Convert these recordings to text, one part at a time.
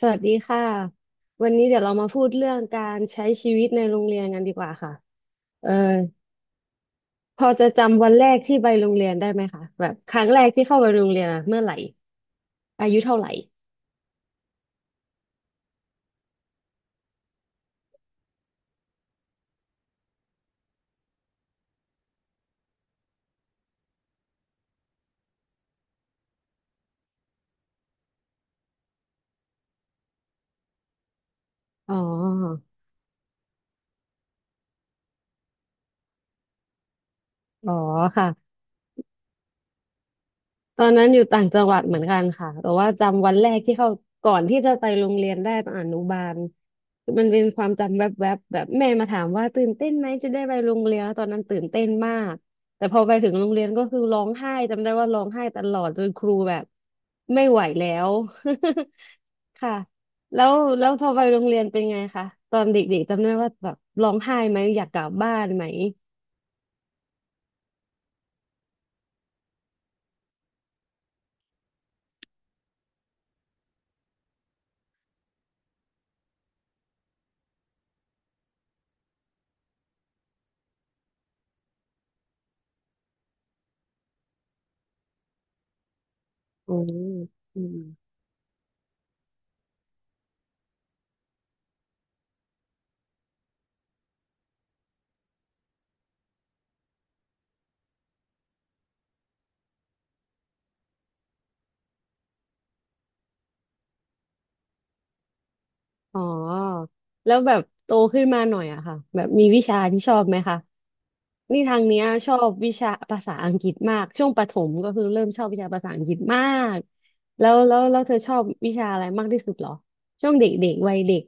สวัสดีค่ะวันนี้เดี๋ยวเรามาพูดเรื่องการใช้ชีวิตในโรงเรียนกันดีกว่าค่ะเออพอจะจำวันแรกที่ไปโรงเรียนได้ไหมคะแบบครั้งแรกที่เข้าไปโรงเรียนอะเมื่อไหร่อายุเท่าไหร่อ๋ออ๋อค่ะ ตอนนั้นอยู่ต่างจังหวัดเหมือนกันค่ะแต่ว่าจำวันแรกที่เข้าก่อนที่จะไปโรงเรียนได้ตอนอนุบาลคือมันเป็นความจำแวบๆแบบแม่มาถามว่าตื่นเต้นไหมจะได้ไปโรงเรียนแล้วตอนนั้นตื่นเต้นมากแต่พอไปถึงโรงเรียนก็คือร้องไห้จำได้ว่าร้องไห้ตลอดจนครูแบบไม่ไหวแล้ว ค่ะแล้วแล้วพอไปโรงเรียนเป็นไงคะตอนเด็กๆจำได้ว่าแบบร้องไห้ไหมอยากกลับบ้านไหมอืมอืม อ๋อแล้วแบบโตขึ้นมาหน่อยอะค่ะแบบมีวิชาที่ชอบไหมคะนี่ทางเนี้ยชอบวิชาภาษาอังกฤษมากช่วงประถมก็คือเริ่มชอบวิชาภาษาอังกฤษมากแล้วเธอชอบวิชาอะไรมากที่สุดเหรอช่วงเด็กๆวัยเด็ก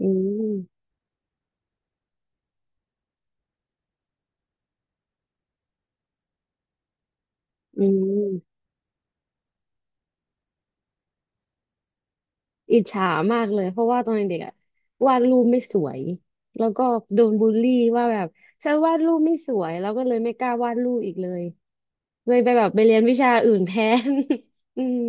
อืมอืมอิจฉามากเลยเพราะว่าตอนเด็กอะวาดรูปไม่สวยแล้วก็โดนบูลลี่ว่าแบบเธอวาดรูปไม่สวยแล้วก็เลยไม่กล้าวาดรูปอีกเลยเลยไปแบบไปเรียนวิชาอื่นแทน อืม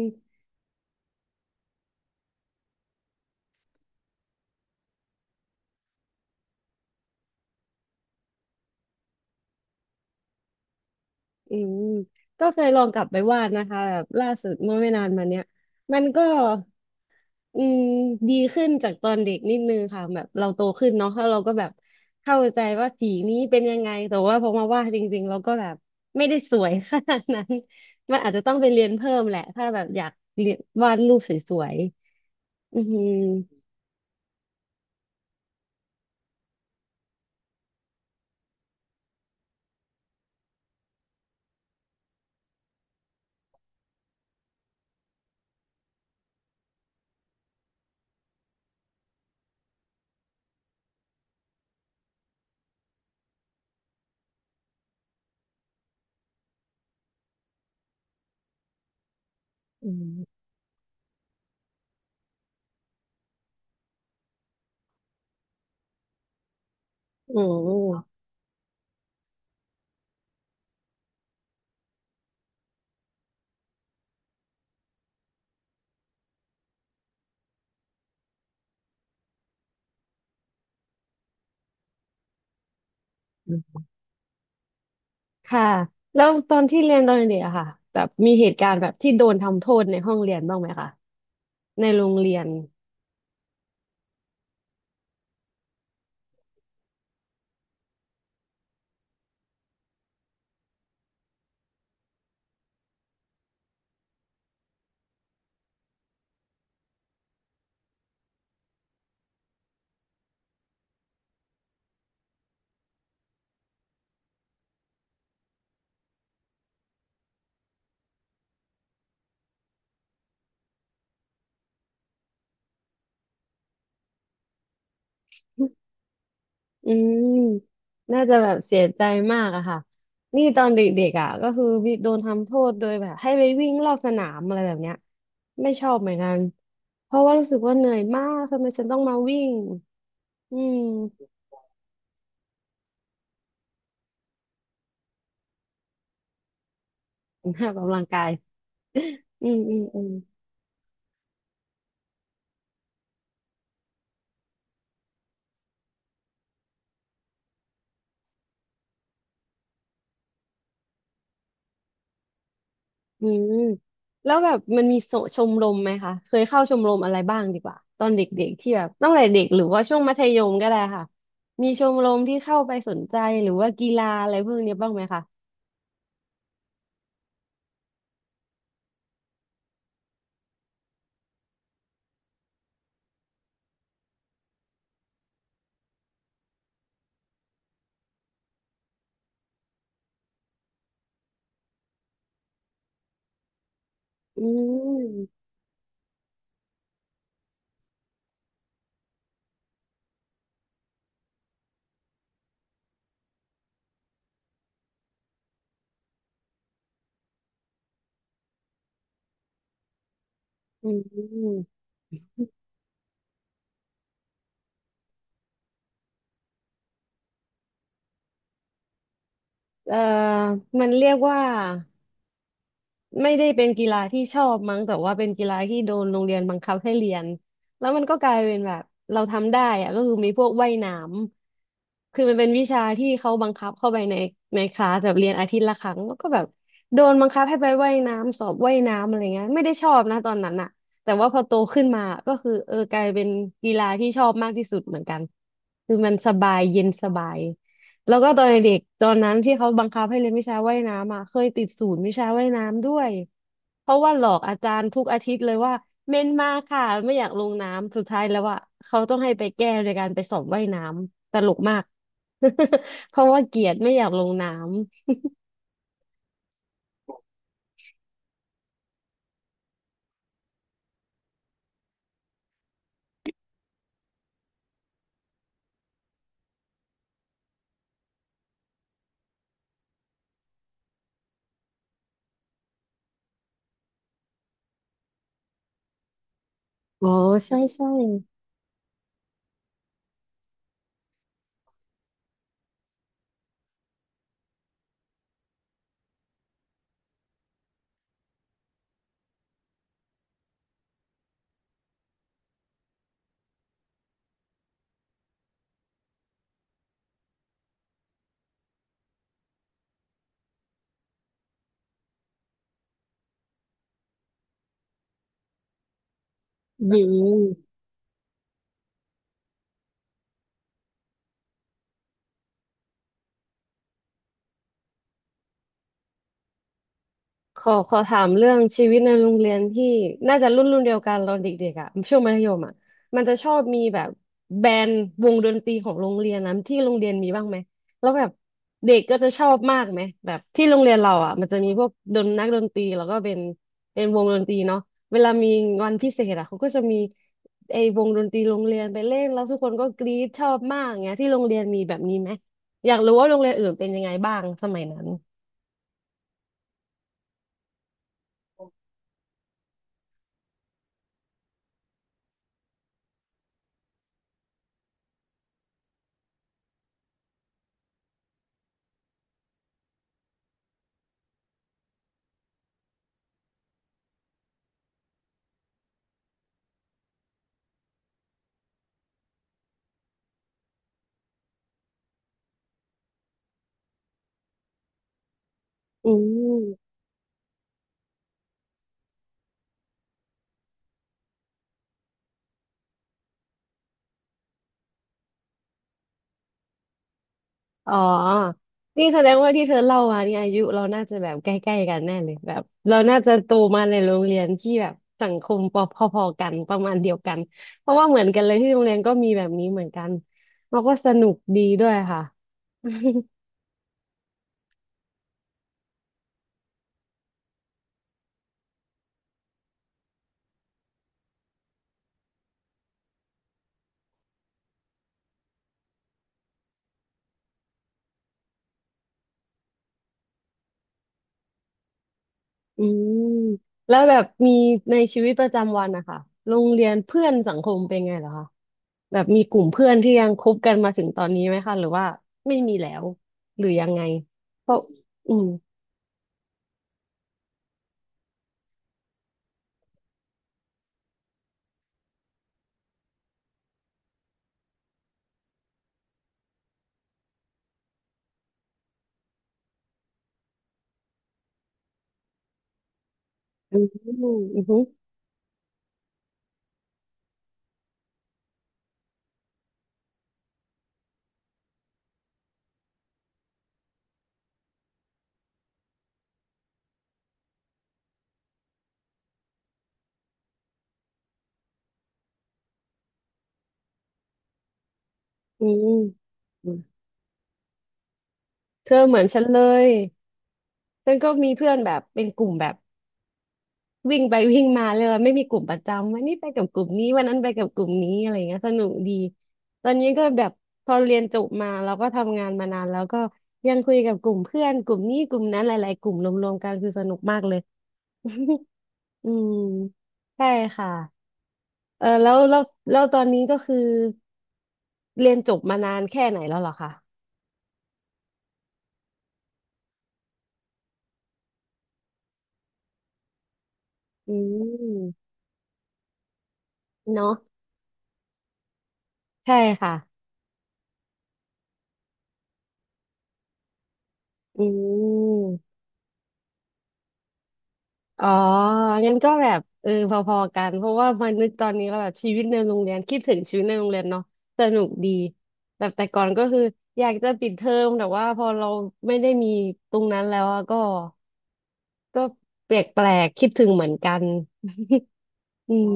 อืมก็เคยลองกลับไปวาดนะคะแบบล่าสุดเมื่อไม่นานมาเนี้ยมันก็อืมดีขึ้นจากตอนเด็กนิดนึงค่ะแบบเราโตขึ้นเนาะแล้วเราก็แบบเข้าใจว่าสีนี้เป็นยังไงแต่ว่าพอมาวาดจริงๆเราก็แบบไม่ได้สวยขนาดนั้นมันอาจจะต้องไปเรียนเพิ่มแหละถ้าแบบอยากเรียนวาดรูปสวยๆอือหืออืมโอ้ค่ะแล้วตอนที่เรียนตอนเด็กอะค่ะแบบมีเหตุการณ์แบบที่โดนทำโทษในห้องเรียนบ้างไหมคะ ในโรงเรียนอืมน่าจะแบบเสียใจมากอะค่ะ นี่ตอนเด็กๆอะก็คือมีโดนทำโทษโดยแบบให้ไปวิ่งรอบสนามอะไรแบบเนี้ยไม่ชอบเหมือนกัน เพราะว่ารู้สึกว่าเหนื่อยมาก ทำไมฉันต้องมาวิ่งอืมออกกำลังกายอืมอืมอืม อืมแล้วแบบมันมีโสชมรมไหมคะเคยเข้าชมรมอะไรบ้างดีกว่าตอนเด็กๆที่แบบตั้งแต่เด็กหรือว่าช่วงมัธยมก็ได้ค่ะมีชมรมที่เข้าไปสนใจหรือว่ากีฬาอะไรพวกเนี้ยบ้างไหมคะอืมอืมเอ่อมันเรียกว่า ไม่ได้เป็นกีฬาที่ชอบมั้งแต่ว่าเป็นกีฬาที่โดนโรงเรียนบังคับให้เรียนแล้วมันก็กลายเป็นแบบเราทำได้อะก็คือมีพวกว่ายน้ำคือมันเป็นวิชาที่เขาบังคับเข้าไปในในคลาสแบบเรียนอาทิตย์ละครั้งแล้วก็แบบโดนบังคับให้ไปว่ายน้ำสอบว่ายน้ำอะไรเงี้ยไม่ได้ชอบนะตอนนั้นอะแต่ว่าพอโตขึ้นมาก็คือเออกลายเป็นกีฬาที่ชอบมากที่สุดเหมือนกันคือมันสบายเย็นสบาย แล้วก็ตอนเด็กตอนนั้นที่เขาบังคับให้เรียนวิชาว่ายน้ำอ่ะเคยติดศูนย์วิชาว่ายน้ำด้วยเพราะว่าหลอกอาจารย์ทุกอาทิตย์เลยว่าเมนมาค่ะไม่อยากลงน้ำสุดท้ายแล้วอ่ะเขาต้องให้ไปแก้โดยการไปสอบว่ายน้ำตลกมาก เพราะว่าเกลียดไม่อยากลงน้ำอ๋อใช่ใช่อืม ขอขอถามเรื่องชีวิตในโรงเรียนที่น่าจะรุ่นรุ่นเดียวกันเราเด็กๆอ่ะช่วงมัธยมอ่ะมันจะชอบมีแบบแบนด์วงดนตรีของโรงเรียนนะที่โรงเรียนมีบ้างไหมแล้วแบบเด็กก็จะชอบมากไหมแบบที่โรงเรียนเราอ่ะมันจะมีพวกดนนักดนตรีแล้วก็เป็นเป็นวงดนตรีเนาะเวลามีวันพิเศษอ่ะเขาก็จะมีไอ้วงดนตรีโรงเรียนไปเล่นแล้วทุกคนก็กรี๊ดชอบมากเงี้ยที่โรงเรียนมีแบบนี้ไหมอยากรู้ว่าโรงเรียนอื่นเป็นยังไงบ้างสมัยนั้นอืม อ๋อนี่แสดงว่าที่เธอเล่ามาเนี่ยอายุเราน่าจะแบบใกล้ๆกันแน่เลยแบบเราน่าจะโตมาในโรงเรียนที่แบบสังคมพอพอๆกันประมาณเดียวกันเพราะว่าเหมือนกันเลยที่โรงเรียนก็มีแบบนี้เหมือนกันเราก็สนุกดีด้วยค่ะ อืมแล้วแบบมีในชีวิตประจำวันนะคะโรงเรียนเพื่อนสังคมเป็นไงเหรอคะแบบมีกลุ่มเพื่อนที่ยังคบกันมาถึงตอนนี้ไหมคะหรือว่าไม่มีแล้วหรือยังไงเพราะอืมอืมอืม อืมอืมเธอเหมือนฉันเลยฉันก็มีเพื่อนแบบเป็นกลุ่มแบบวิ่งไปวิ่งมาเลยไม่มีกลุ่มประจำวันนี้ไปกับกลุ่มนี้วันนั้นไปกับกลุ่มนี้อะไรเงี้ยสนุกดีตอนนี้ก็แบบพอเรียนจบมาเราก็ทำงานมานานแล้วก็ยังคุยกับกลุ่มเพื่อนกลุ่มนี้กลุ่มนั้นหลายๆกลุ่มรวมๆกันคือสนุกมากเลย อืมใช่ค่ะเออแล้วแล้วแล้วตอนนี้ก็คือเรียนจบมานานแค่ไหนแล้วเหรอคะอืมเนาะใช่ค่ะ อืมอ๋องั้นก็แบบเออพอๆกันเพราะว่ามานึกตอนนี้ก็แบบชีวิตในโรงเรียนคิดถึงชีวิตในโรงเรียนเนาะสนุกดีแบบแต่ก่อนก็คืออยากจะปิดเทอมแต่ว่าพอเราไม่ได้มีตรงนั้นแล้วอะก็แปลกๆคิดถึงเหมือนกันอืม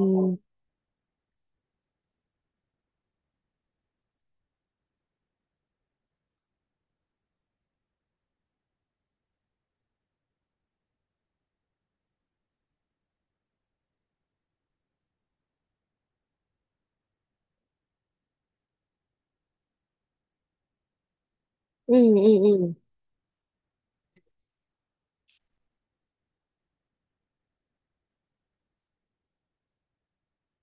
อืมอืมอืม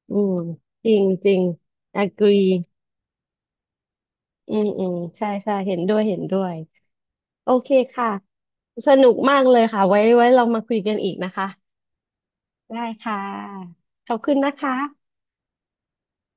อืมจริงจริง agree อืมอืมใช่ใช่เห็นด้วยเห็นด้วยโอเคค่ะสนุกมากเลยค่ะไว้ไว้เรามาคุยกันอีกนะคะ ได้ค่ะขอบคุณนะคะ